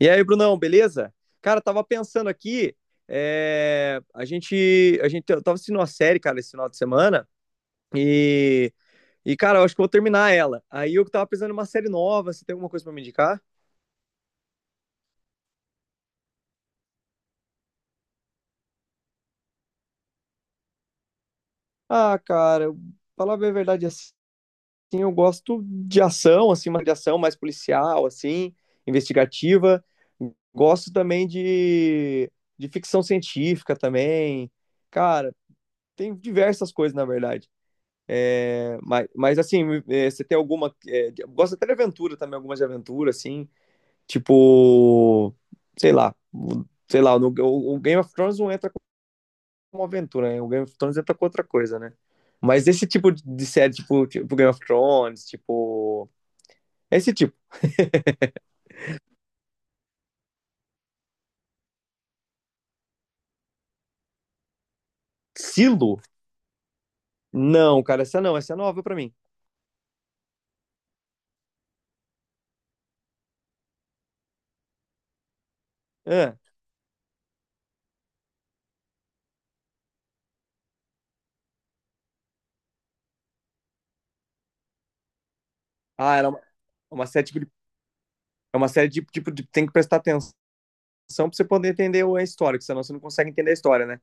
E aí, Brunão, beleza? Cara, tava pensando aqui, a gente eu tava assistindo uma série, cara, esse final de semana, e, e cara, eu acho que eu vou terminar ela. Aí eu tava pensando em uma série nova, você tem alguma coisa pra me indicar? Ah, cara, falar bem a verdade assim, eu gosto de ação, assim, uma de ação mais policial, assim, investigativa. Gosto também de ficção científica também. Cara, tem diversas coisas, na verdade. É, mas assim, é, você tem alguma. É, eu gosto até de aventura também, algumas de aventura, assim, tipo, sei lá, sei lá, o Game of Thrones não entra como aventura, né? O Game of Thrones entra com outra coisa, né? Mas esse tipo de série, tipo, tipo Game of Thrones, tipo. Esse tipo. Silo? Não, cara, essa não, essa é nova pra mim. Ah, era uma série tipo de, é uma série de, tipo de, tem que prestar atenção pra você poder entender a história, que senão você não consegue entender a história, né?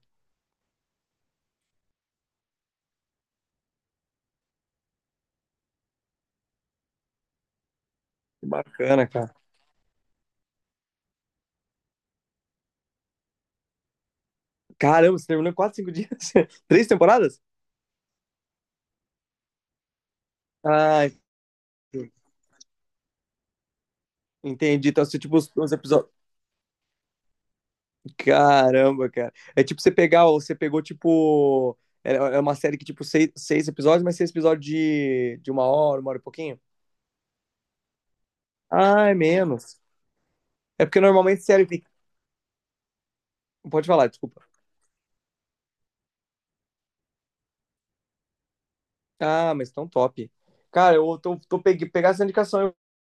Que bacana, cara. Caramba, você terminou em 4, 5 dias? Três temporadas? Ah, entendi. Então, assim, tipo, os episódios. Caramba, cara. É tipo você pegar, você pegou, tipo. É uma série que, tipo, seis episódios, mas seis episódios de uma hora e pouquinho? Ah, é menos. É porque normalmente série. Pode falar, desculpa. Ah, mas tão top. Cara, eu tô, tô pegue, pegar essa indicação, eu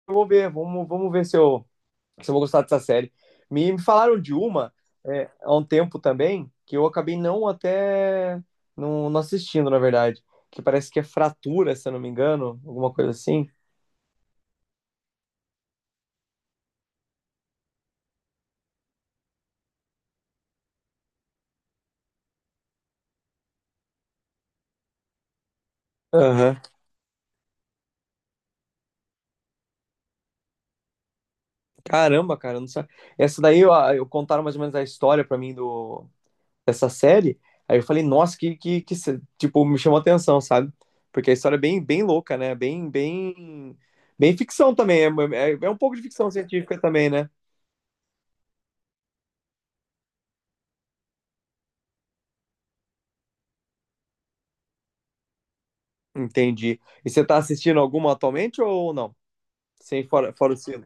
vou ver. Vamos ver se eu vou gostar dessa série. Me falaram de uma é, há um tempo também, que eu acabei não assistindo, na verdade. Que parece que é fratura, se eu não me engano, alguma coisa assim. Aham. Caramba, cara, não sei. Essa daí eu contaram mais ou menos a história pra mim do, dessa série. Aí eu falei, nossa, que se- tipo, me chamou atenção, sabe? Porque a história é bem, bem louca, né? Bem, bem, bem ficção também. É um pouco de ficção científica também, né? Entendi. E você tá assistindo alguma atualmente ou não? Sem fora, fora o sino.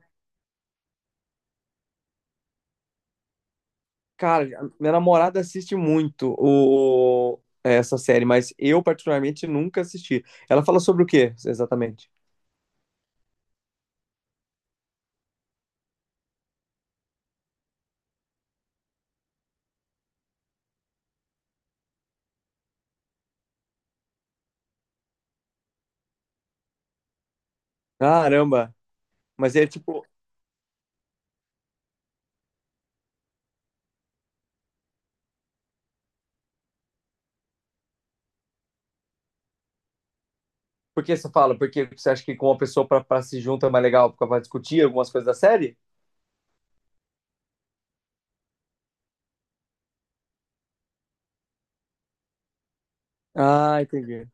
Cara, a minha namorada assiste muito essa série, mas eu particularmente nunca assisti. Ela fala sobre o quê, exatamente? Caramba! Mas é tipo, por que você fala? Porque você acha que com uma pessoa pra se junta é mais legal pra pra discutir algumas coisas da série? Ah, entendi.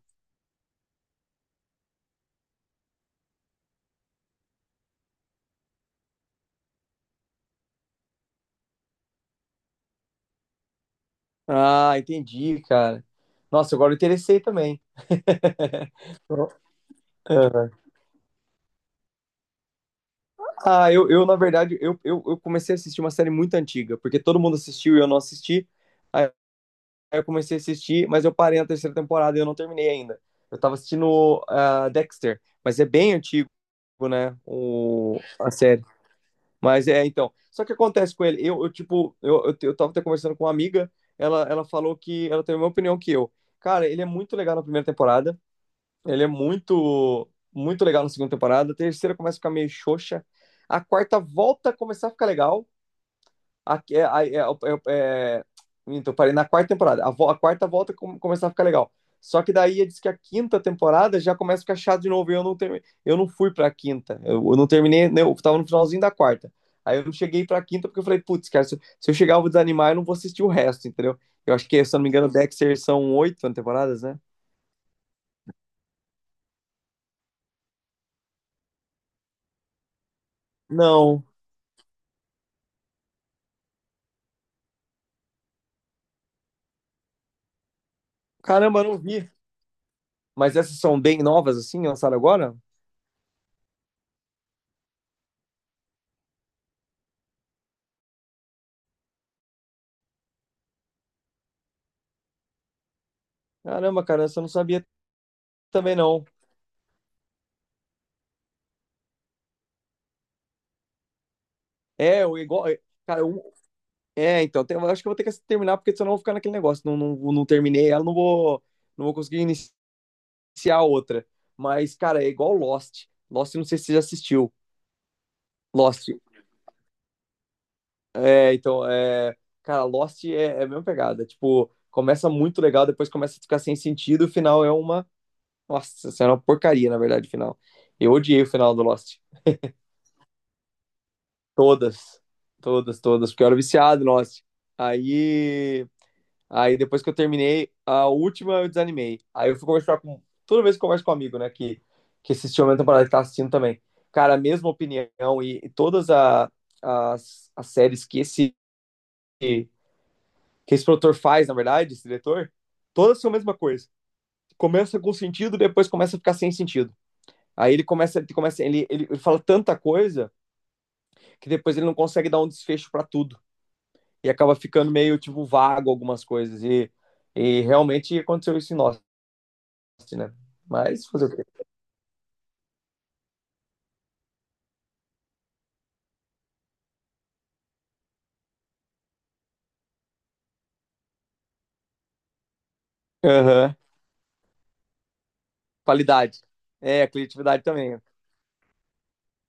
Ah, entendi, cara. Nossa, agora eu interessei também. Ah, eu na verdade, eu comecei a assistir uma série muito antiga, porque todo mundo assistiu e eu não assisti. Aí eu comecei a assistir, mas eu parei na terceira temporada e eu não terminei ainda. Eu tava assistindo Dexter, mas é bem antigo, né, a série. Mas é, então. Só que acontece com ele, eu tipo, eu tava até conversando com uma amiga, ela falou que, ela tem a mesma opinião que eu. Cara, ele é muito legal na primeira temporada, ele é muito, muito legal na segunda temporada. A terceira começa a ficar meio xoxa. A quarta volta a começar a ficar legal. A, é, é, é, é... Então, parei na quarta temporada. A quarta volta começar a ficar legal. Só que daí diz que a quinta temporada já começa a ficar chato de novo. E eu eu não fui pra quinta. Eu não terminei, né, eu tava no finalzinho da quarta. Aí eu não cheguei pra quinta porque eu falei, putz, cara, se eu chegar eu vou desanimar, eu não vou assistir o resto, entendeu? Eu acho que, se eu não me engano, Dexter são oito temporadas, né? Não. Caramba, eu não vi. Mas essas são bem novas, assim, lançaram agora? Caramba, cara, essa eu não sabia também, não. É, o igual. É, Cara, então, eu acho que eu vou ter que terminar, porque senão eu vou ficar naquele negócio. Não, não terminei ela, não vou conseguir iniciar outra. Mas, cara, é igual Lost. Lost, não sei se você já assistiu. Lost. É, então, é. Cara, é a mesma pegada. Tipo, começa muito legal, depois começa a ficar sem sentido, o final é uma. Nossa, isso é uma porcaria, na verdade, o final. Eu odiei o final do Lost. Todas, todas, todas, porque eu era viciado, nossa. Aí, aí depois que eu terminei, a última eu desanimei. Aí eu fui conversar com. Toda vez que eu converso com um amigo, né, que assistiu a minha temporada, que tá assistindo também. Cara, a mesma opinião e as séries que que esse produtor faz, na verdade, esse diretor, todas são a mesma coisa. Começa com sentido, depois começa a ficar sem sentido. Aí ele começa, ele começa, ele fala tanta coisa que depois ele não consegue dar um desfecho pra tudo. E acaba ficando meio tipo vago algumas coisas. E realmente aconteceu isso em Lost, né? Mas fazer o quê? Aham. Qualidade. É, criatividade também.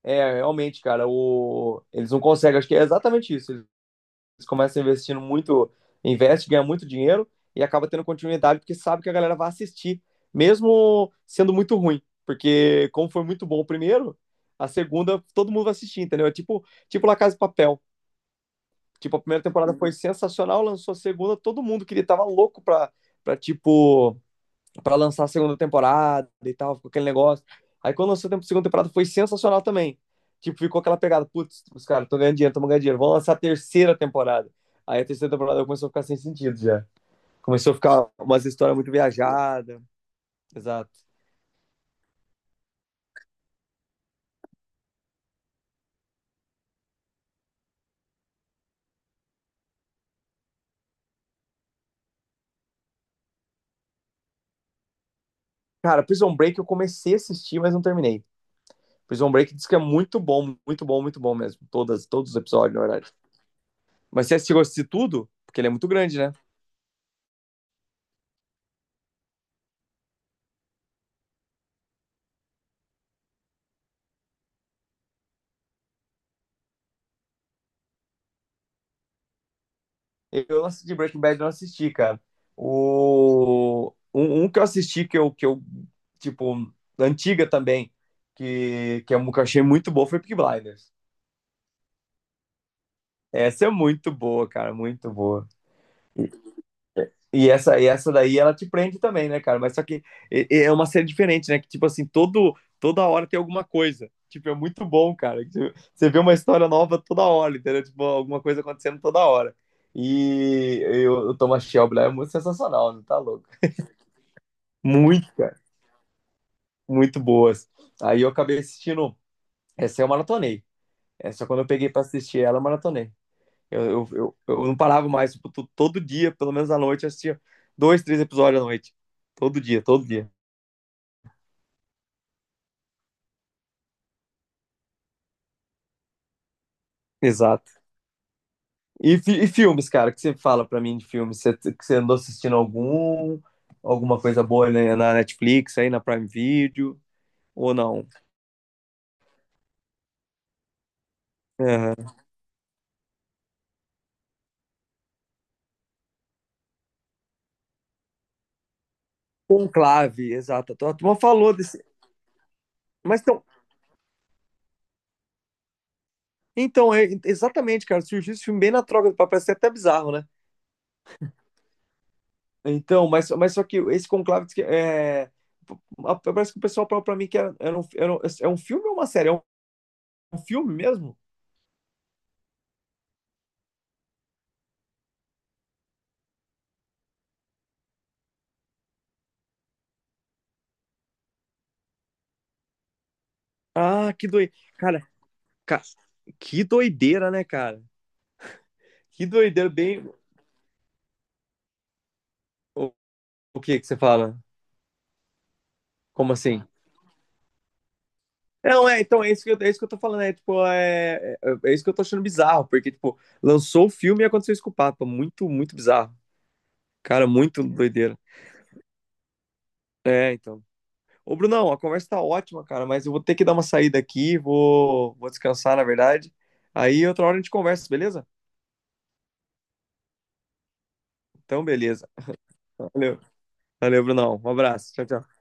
É, realmente, cara, o... eles não conseguem. Acho que é exatamente isso. Eles começam investindo muito, investe, ganha muito dinheiro e acaba tendo continuidade porque sabe que a galera vai assistir, mesmo sendo muito ruim. Porque, como foi muito bom o primeiro, a segunda todo mundo vai assistir, entendeu? É tipo, tipo La Casa de Papel. Tipo, a primeira temporada foi sensacional, lançou a segunda, todo mundo queria, tava louco pra, pra tipo, pra lançar a segunda temporada e tal, ficou aquele negócio. Aí quando lançou a segunda temporada foi sensacional também. Tipo, ficou aquela pegada, putz, os caras estão ganhando dinheiro, vão lançar a terceira temporada. Aí a terceira temporada começou a ficar sem sentido já. Começou a ficar umas histórias muito viajadas. Exato. Cara, Prison Break eu comecei a assistir, mas não terminei. Prison Break diz que é muito bom, muito bom, muito bom mesmo. Todas, todos os episódios, na verdade. Mas você chegou a assistir tudo? Porque ele é muito grande, né? Eu assisti de Breaking Bad, não assisti, cara. O... um que eu assisti, tipo, antiga também, que é um que eu achei muito boa, foi Peaky Blinders. Essa é muito boa, cara, muito boa. E essa daí ela te prende também, né, cara? Mas só que é uma série diferente, né? Que tipo assim, todo, toda hora tem alguma coisa. Tipo, é muito bom, cara. Que Você vê uma história nova toda hora, entendeu? Tipo, alguma coisa acontecendo toda hora. E eu o Thomas Shelby lá é muito sensacional, não tá louco? Muito, cara. Muito boas. Aí eu acabei assistindo. Essa eu maratonei. Essa quando eu peguei pra assistir ela, eu maratonei. Eu não parava mais, tipo, todo dia, pelo menos à noite, eu assistia dois, três episódios à noite. Todo dia, todo dia. Exato. E, e filmes, cara, o que você fala pra mim de filmes? Você, que você andou assistindo algum? Alguma coisa boa né, na Netflix, aí na Prime Video? Ou não? Aham. Conclave, exato. A turma falou desse. Mas então, então é, exatamente, cara, surgiu esse filme bem na troca do papel, isso é até bizarro, né? Então, só que esse Conclave diz que, é, parece que o pessoal falou pra mim que é um filme ou uma série? Um filme mesmo? Ah, que doideira. Cara, ca- que doideira, né, cara? Que doideira, bem. O, o que que você fala? Como assim? Não, é, então, é isso que eu tô falando, é, tipo, é isso que eu tô achando bizarro, porque, tipo, lançou o filme e aconteceu isso com o Papa, muito, muito bizarro. Cara, muito doideira. É, então. Ô, Brunão, a conversa tá ótima, cara, mas eu vou ter que dar uma saída aqui, vou descansar, na verdade. Aí outra hora a gente conversa, beleza? Então, beleza. Valeu. Valeu, Brunão. Um abraço. Tchau, tchau.